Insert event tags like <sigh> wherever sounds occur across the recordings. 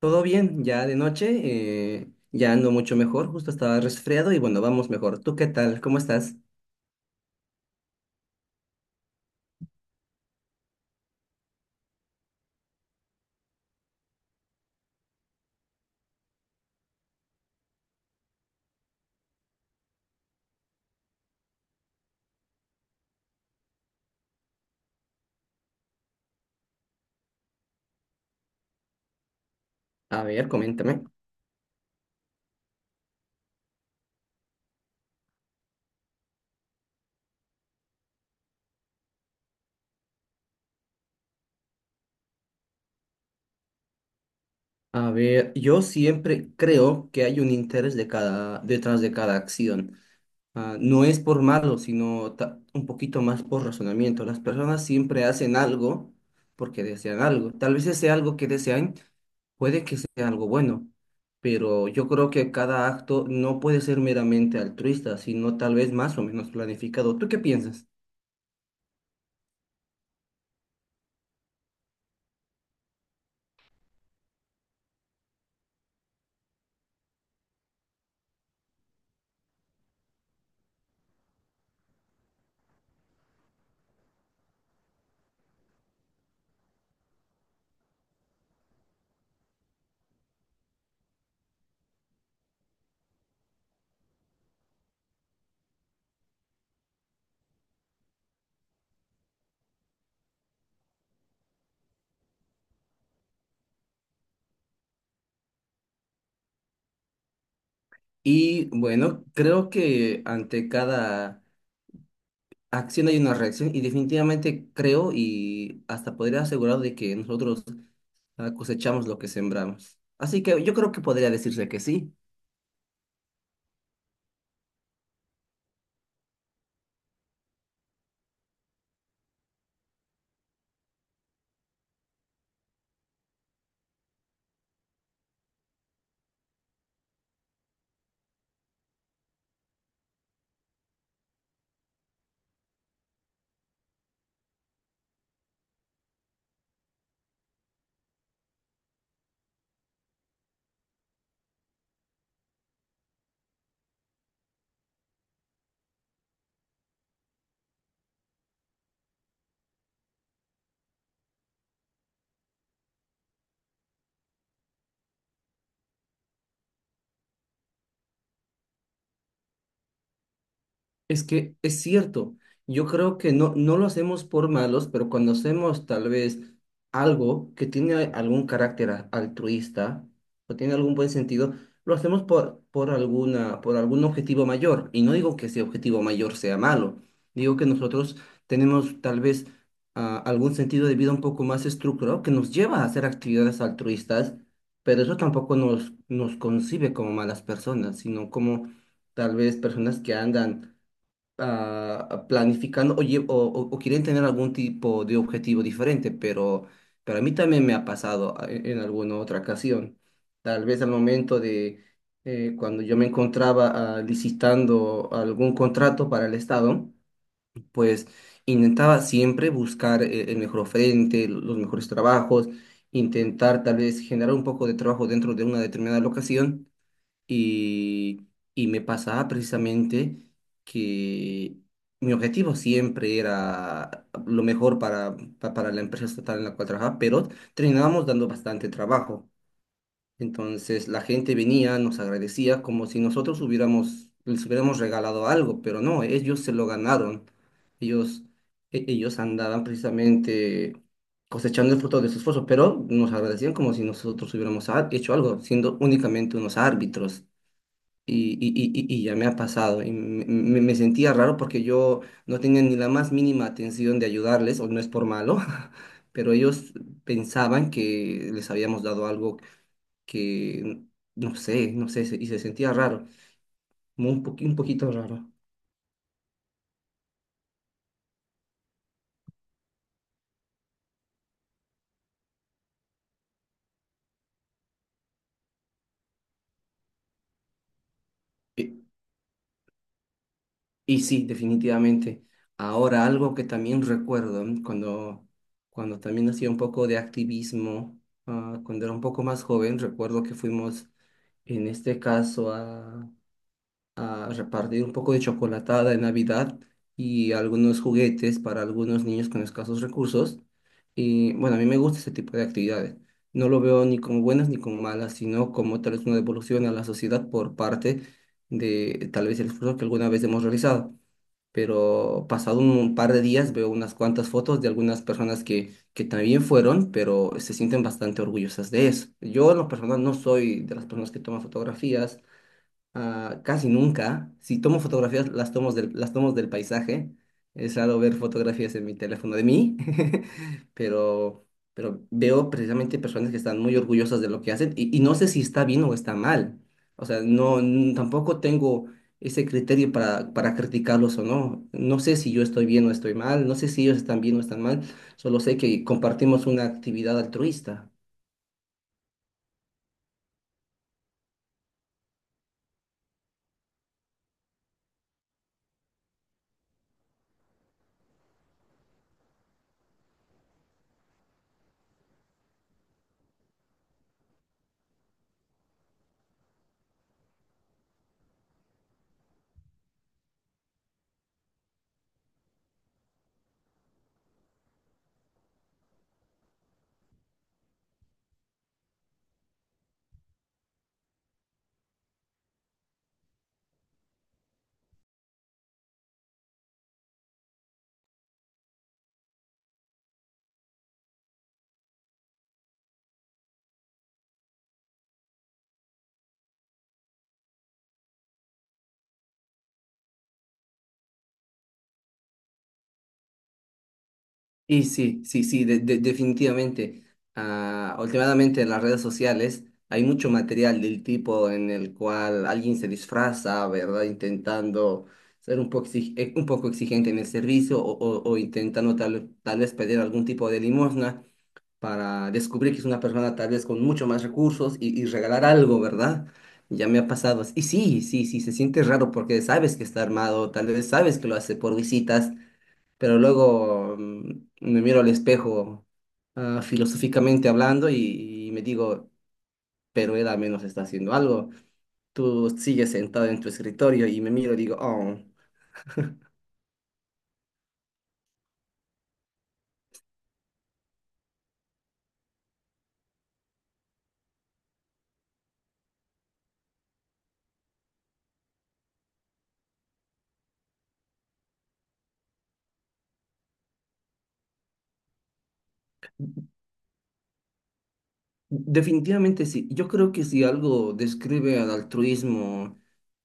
Todo bien, ya de noche, ya ando mucho mejor, justo estaba resfriado y bueno, vamos mejor. ¿Tú qué tal? ¿Cómo estás? A ver, coméntame. A ver, yo siempre creo que hay un interés de cada, detrás de cada acción. No es por malo, sino un poquito más por razonamiento. Las personas siempre hacen algo porque desean algo. Tal vez ese algo que desean puede que sea algo bueno, pero yo creo que cada acto no puede ser meramente altruista, sino tal vez más o menos planificado. ¿Tú qué piensas? Y bueno, creo que ante cada acción hay una reacción y definitivamente creo y hasta podría asegurar de que nosotros cosechamos lo que sembramos. Así que yo creo que podría decirse que sí. Es que es cierto, yo creo que no, no lo hacemos por malos, pero cuando hacemos tal vez algo que tiene algún carácter altruista o tiene algún buen sentido, lo hacemos por alguna, por algún objetivo mayor. Y no digo que ese objetivo mayor sea malo, digo que nosotros tenemos tal vez algún sentido de vida un poco más estructurado que nos lleva a hacer actividades altruistas, pero eso tampoco nos, nos concibe como malas personas, sino como tal vez personas que andan planificando o, lle- o quieren tener algún tipo de objetivo diferente, pero a mí también me ha pasado en alguna otra ocasión. Tal vez al momento de cuando yo me encontraba licitando algún contrato para el Estado, pues intentaba siempre buscar el mejor frente, los mejores trabajos, intentar tal vez generar un poco de trabajo dentro de una determinada locación y, y me pasaba precisamente que mi objetivo siempre era lo mejor para, para la empresa estatal en la cual trabajaba, pero terminábamos dando bastante trabajo. Entonces la gente venía, nos agradecía como si nosotros hubiéramos, les hubiéramos regalado algo, pero no, ellos se lo ganaron. Ellos, ellos andaban precisamente cosechando el fruto de su esfuerzo, pero nos agradecían como si nosotros hubiéramos hecho algo, siendo únicamente unos árbitros. Y ya me ha pasado. Y me sentía raro porque yo no tenía ni la más mínima atención de ayudarles, o no es por malo, <laughs> pero ellos pensaban que les habíamos dado algo que no sé, no sé, y se sentía raro, como un poquito raro. Y, y sí, definitivamente. Ahora, algo que también recuerdo ¿m? Cuando, cuando también hacía un poco de activismo, cuando era un poco más joven, recuerdo que fuimos en este caso a repartir un poco de chocolatada de Navidad y algunos juguetes para algunos niños con escasos recursos. Y bueno, a mí me gusta ese tipo de actividades. No lo veo ni como buenas ni como malas, sino como tal vez una devolución a la sociedad por parte de tal vez el esfuerzo que alguna vez hemos realizado. Pero pasado un par de días veo unas cuantas fotos de algunas personas que también fueron, pero se sienten bastante orgullosas de eso. Yo en lo personal no soy de las personas que toman fotografías. Casi nunca. Si tomo fotografías, las tomo las tomo del paisaje. Es raro ver fotografías en mi teléfono de mí, <laughs> pero, pero veo precisamente personas que están muy orgullosas de lo que hacen y no sé si está bien o está mal. O sea, tampoco tengo ese criterio para criticarlos o no. No sé si yo estoy bien o estoy mal, no sé si ellos están bien o están mal, solo sé que compartimos una actividad altruista. Y sí, sí, sí, definitivamente. Últimamente en las redes sociales hay mucho material del tipo en el cual alguien se disfraza, ¿verdad? Intentando ser un poco, un poco exigente en el servicio o o intentando tal vez pedir algún tipo de limosna para descubrir que es una persona tal vez con mucho más recursos y regalar algo, ¿verdad? Ya me ha pasado. Y sí, sí, sí, se siente raro porque sabes que está armado, tal vez sabes que lo hace por visitas, pero luego me miro al espejo filosóficamente hablando y me digo, pero él al menos está haciendo algo. Tú sigues sentado en tu escritorio y me miro y digo, oh, definitivamente sí. Yo creo que si algo describe al altruismo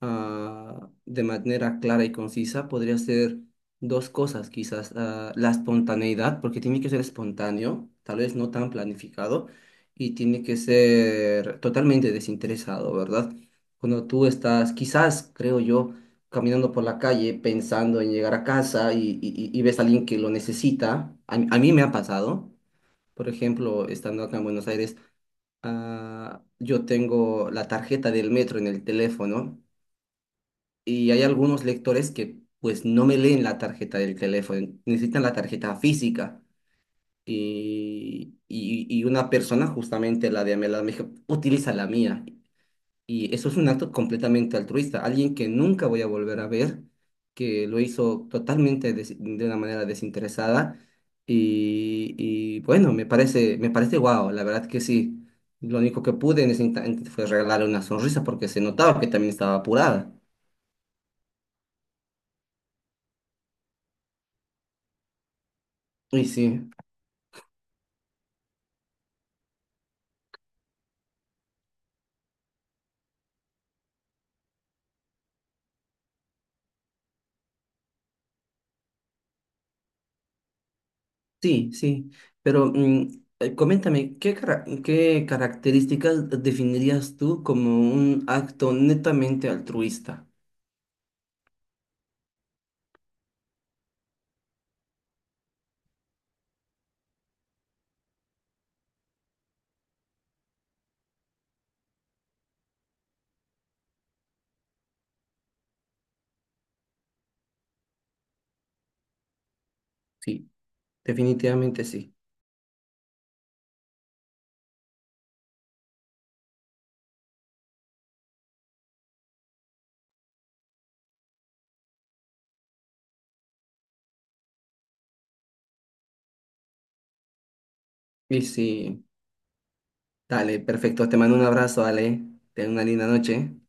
de manera clara y concisa podría ser dos cosas, quizás la espontaneidad, porque tiene que ser espontáneo, tal vez no tan planificado, y tiene que ser totalmente desinteresado, ¿verdad? Cuando tú estás, quizás, creo yo, caminando por la calle pensando en llegar a casa y, ves a alguien que lo necesita, a mí me ha pasado, por ejemplo, estando acá en Buenos Aires. Yo tengo la tarjeta del metro en el teléfono y hay algunos lectores que pues no me leen la tarjeta del teléfono, necesitan la tarjeta física y una persona justamente la de Amela me dijo, utiliza la mía, y eso es un acto completamente altruista, alguien que nunca voy a volver a ver, que lo hizo de una manera desinteresada y bueno, me parece guau, la verdad que sí. Lo único que pude en ese instante fue regalarle una sonrisa porque se notaba que también estaba apurada. Y sí. Sí, sí, pero coméntame, ¿qué características definirías tú como un acto netamente altruista? Sí, definitivamente sí. Y sí, dale, perfecto, te mando un abrazo, Ale, ten una linda noche.